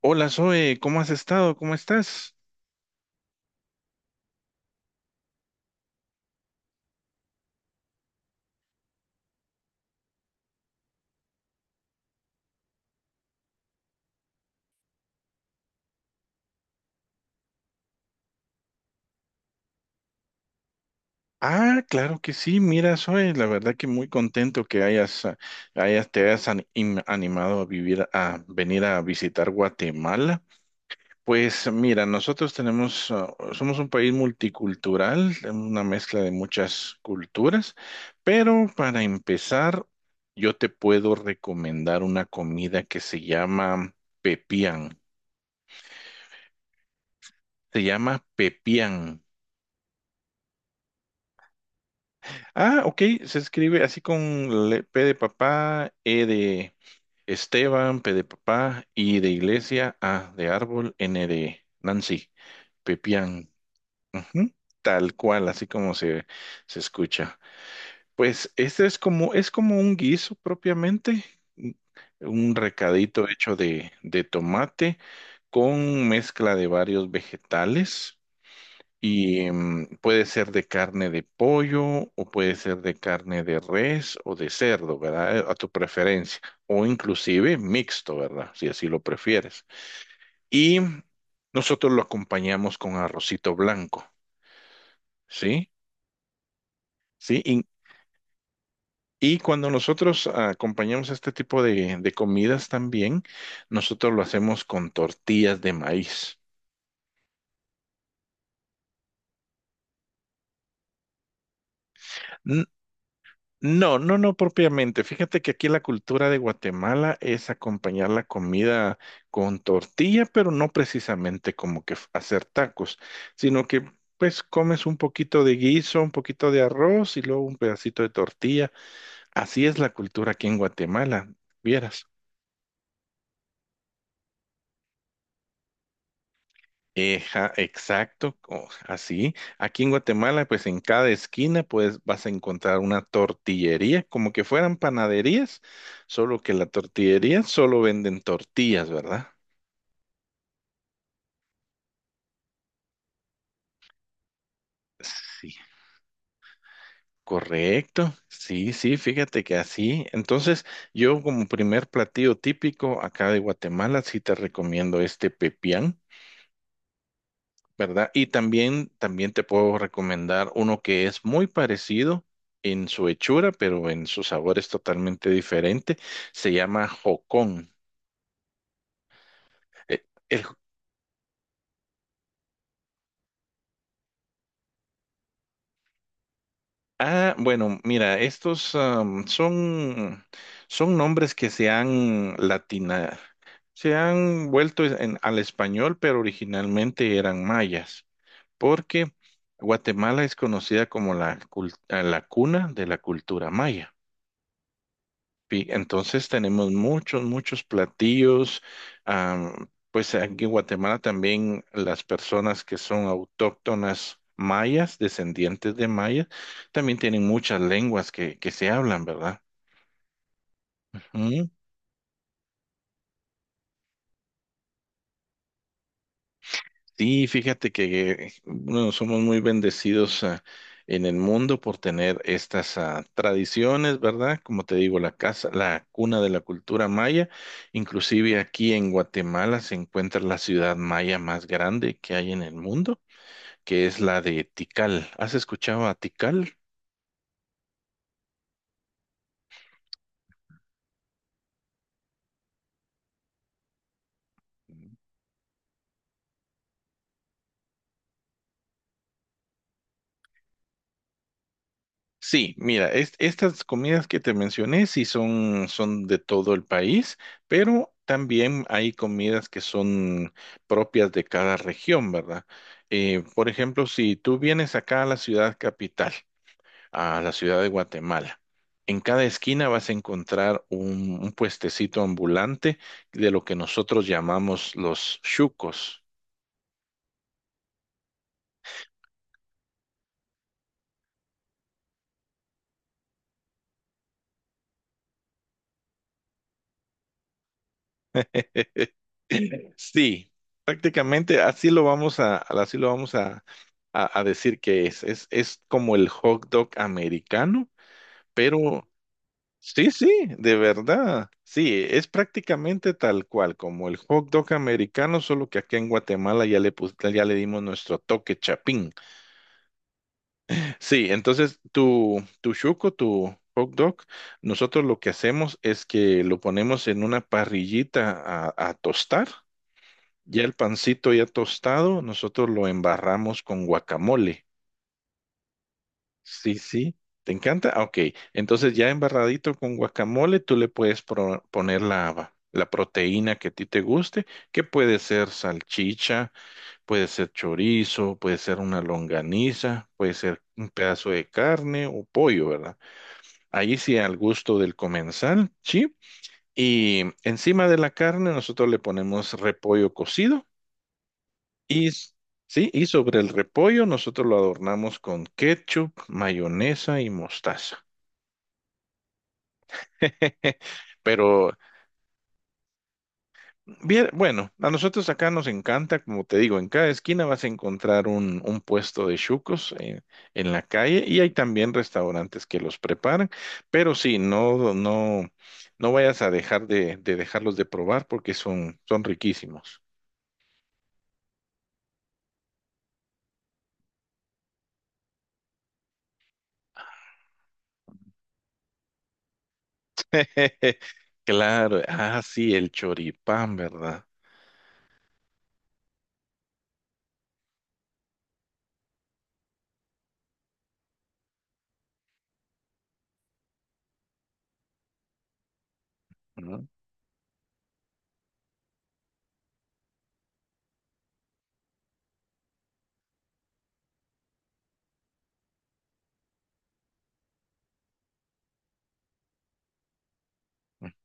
Hola Zoe, ¿cómo has estado? ¿Cómo estás? Claro que sí, mira Zoe, la verdad que muy contento que hayas, ah, hayas te hayas animado a venir a visitar Guatemala. Pues mira, nosotros tenemos, somos un país multicultural, una mezcla de muchas culturas, pero para empezar, yo te puedo recomendar una comida que se llama pepián. Se llama pepián. Ah, ok, se escribe así con P de papá, E de Esteban, P de papá, I de iglesia, A de árbol, N de Nancy, pepián. Ujú. Tal cual, se escucha. Pues este es como un guiso propiamente, un un recadito hecho de tomate con mezcla de varios vegetales. Y puede ser de carne de pollo, o puede ser de carne de res o de cerdo, ¿verdad? A tu preferencia. O inclusive mixto, ¿verdad? Si así lo prefieres. Y nosotros lo acompañamos con arrocito blanco, ¿sí? Sí. Y cuando nosotros acompañamos este tipo de comidas también, nosotros lo hacemos con tortillas de maíz. No, no, no propiamente. Fíjate que aquí la cultura de Guatemala es acompañar la comida con tortilla, pero no precisamente como que hacer tacos, sino que pues comes un poquito de guiso, un poquito de arroz y luego un pedacito de tortilla. Así es la cultura aquí en Guatemala, vieras. Eja, exacto, así. Aquí en Guatemala, pues en cada esquina, pues vas a encontrar una tortillería, como que fueran panaderías, solo que la tortillería solo venden tortillas, ¿verdad? Sí, correcto. Sí, sí, fíjate que así. Entonces, yo como primer platillo típico acá de Guatemala, sí te recomiendo este pepián. ¿Verdad? Y también, también te puedo recomendar uno que es muy parecido en su hechura, pero en su sabor es totalmente diferente. Se llama jocón. Eh, el- bueno, mira, estos son nombres que se han vuelto al español, pero originalmente eran mayas, porque Guatemala es conocida como la cuna de la cultura maya. Entonces tenemos muchos, muchos platillos. Pues aquí en Guatemala también las personas que son autóctonas mayas, descendientes de mayas, también tienen muchas lenguas que se hablan, ¿verdad? Sí, fíjate que bueno, somos muy bendecidos en el mundo por tener estas tradiciones, ¿verdad? Como te digo, la casa, la cuna de la cultura maya. Inclusive aquí en Guatemala se encuentra la ciudad maya más grande que hay en el mundo, que es la de Tikal. ¿Has escuchado a Tikal? Sí, mira, estas comidas que te mencioné sí son de todo el país, pero también hay comidas que son propias de cada región, ¿verdad? Por ejemplo, si tú vienes acá a la ciudad capital, a la ciudad de Guatemala, en cada esquina vas a encontrar un puestecito ambulante de lo que nosotros llamamos los chucos. Sí, prácticamente así lo vamos a, así lo vamos a decir que es. Es como el hot dog americano, pero sí, sí, de verdad. Sí, es prácticamente tal cual, como el hot dog americano, solo que aquí en Guatemala ya le dimos nuestro toque chapín. Sí, entonces tu chuco, tu hot dog, nosotros lo que hacemos es que lo ponemos en una parrillita a tostar. Ya el pancito ya tostado, nosotros lo embarramos con guacamole. Sí, sí. ¿Te encanta? Ah, ok. Entonces ya embarradito con guacamole, tú le puedes poner la proteína que a ti te guste, que puede ser salchicha, puede ser chorizo, puede ser una longaniza, puede ser un pedazo de carne o pollo, ¿verdad? Ahí sí al gusto del comensal, sí. Y encima de la carne nosotros le ponemos repollo cocido. Y, s- sí, y sobre el repollo nosotros lo adornamos con ketchup, mayonesa y mostaza. Pero, bien, bueno, a nosotros acá nos encanta, como te digo, en cada esquina vas a encontrar un puesto de chucos en la calle, y hay también restaurantes que los preparan, pero sí, no, no, no vayas a dejar de dejarlos de probar porque son, son riquísimos. Claro, ah, sí, el choripán, ¿verdad?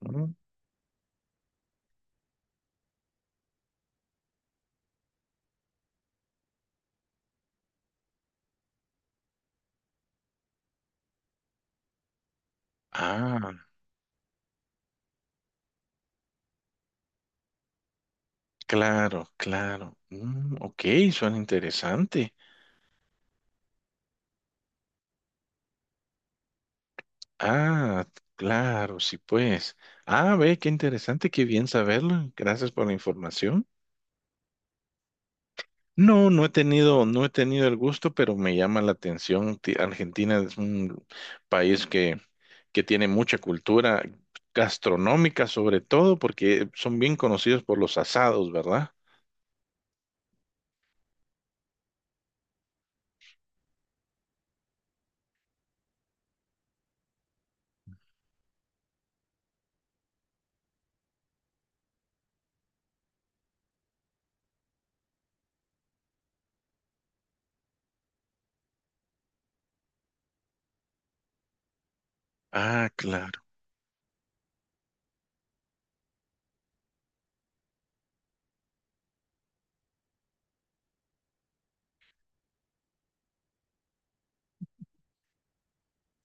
Ujú. Ah, claro, claro. Mm, ok, suena interesante. Ah, claro, sí, pues. Ah, ve, qué interesante, qué bien saberlo. Gracias por la información. No, no he tenido, no he tenido el gusto, pero me llama la atención. Argentina es un país que tiene mucha cultura gastronómica, sobre todo, porque son bien conocidos por los asados, ¿verdad? Ah, claro.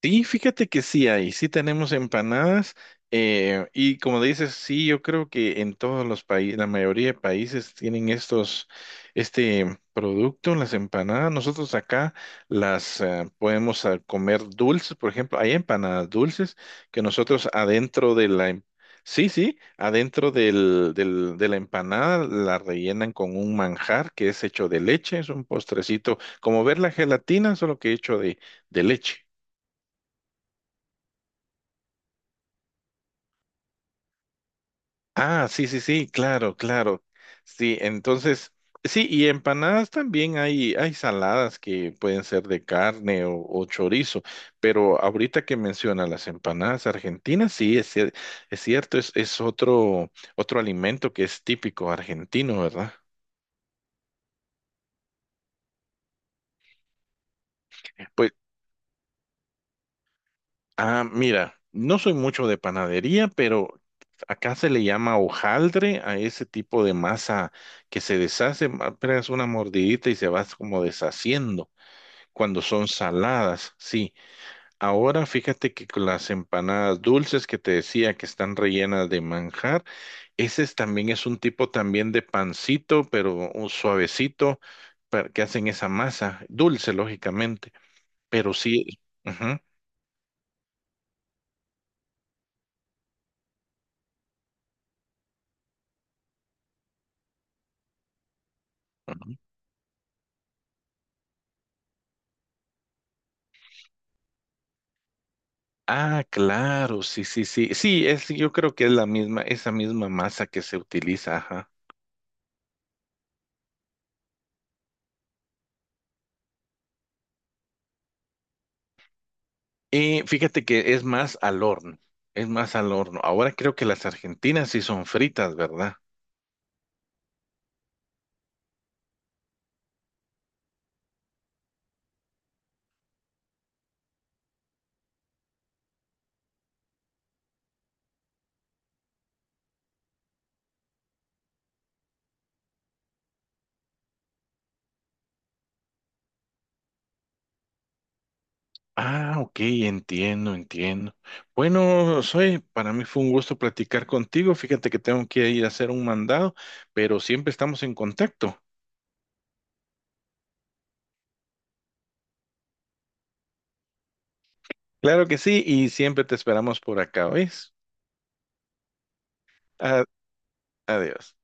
Sí, fíjate que sí hay, sí tenemos empanadas, y como dices, sí, yo creo que en todos los países, la mayoría de países tienen este producto, las empanadas. Nosotros acá las podemos comer dulces, por ejemplo, hay empanadas dulces que nosotros adentro de la, sí, sí, adentro de la empanada la rellenan con un manjar que es hecho de leche, es un postrecito, como ver la gelatina, solo que hecho de leche. Ah, sí, sí, sí, claro, claro. Sí, entonces, sí, y empanadas también hay saladas que pueden ser de carne o chorizo, pero ahorita que menciona las empanadas argentinas, sí, es cierto, es otro, otro alimento que es típico argentino, ¿verdad? Pues, ah, mira, no soy mucho de panadería, pero acá se le llama hojaldre a ese tipo de masa que se deshace, apenas una mordidita y se va como deshaciendo. Cuando son saladas, sí. Ahora fíjate que con las empanadas dulces que te decía que están rellenas de manjar, ese es un tipo también de pancito, pero un suavecito, que hacen esa masa, dulce lógicamente, pero sí. Ujú, ujú. Ah, claro, sí, sí, sí. Sí, es, yo creo que es la misma, esa misma masa que se utiliza, ajá. Y fíjate que es más al horno, es más al horno. Ahora creo que las argentinas sí son fritas, ¿verdad? Ah, ok, entiendo, entiendo. Bueno, para mí fue un gusto platicar contigo. Fíjate que tengo que ir a hacer un mandado, pero siempre estamos en contacto. Claro que sí, y siempre te esperamos por acá, ¿ves? A- Adiós.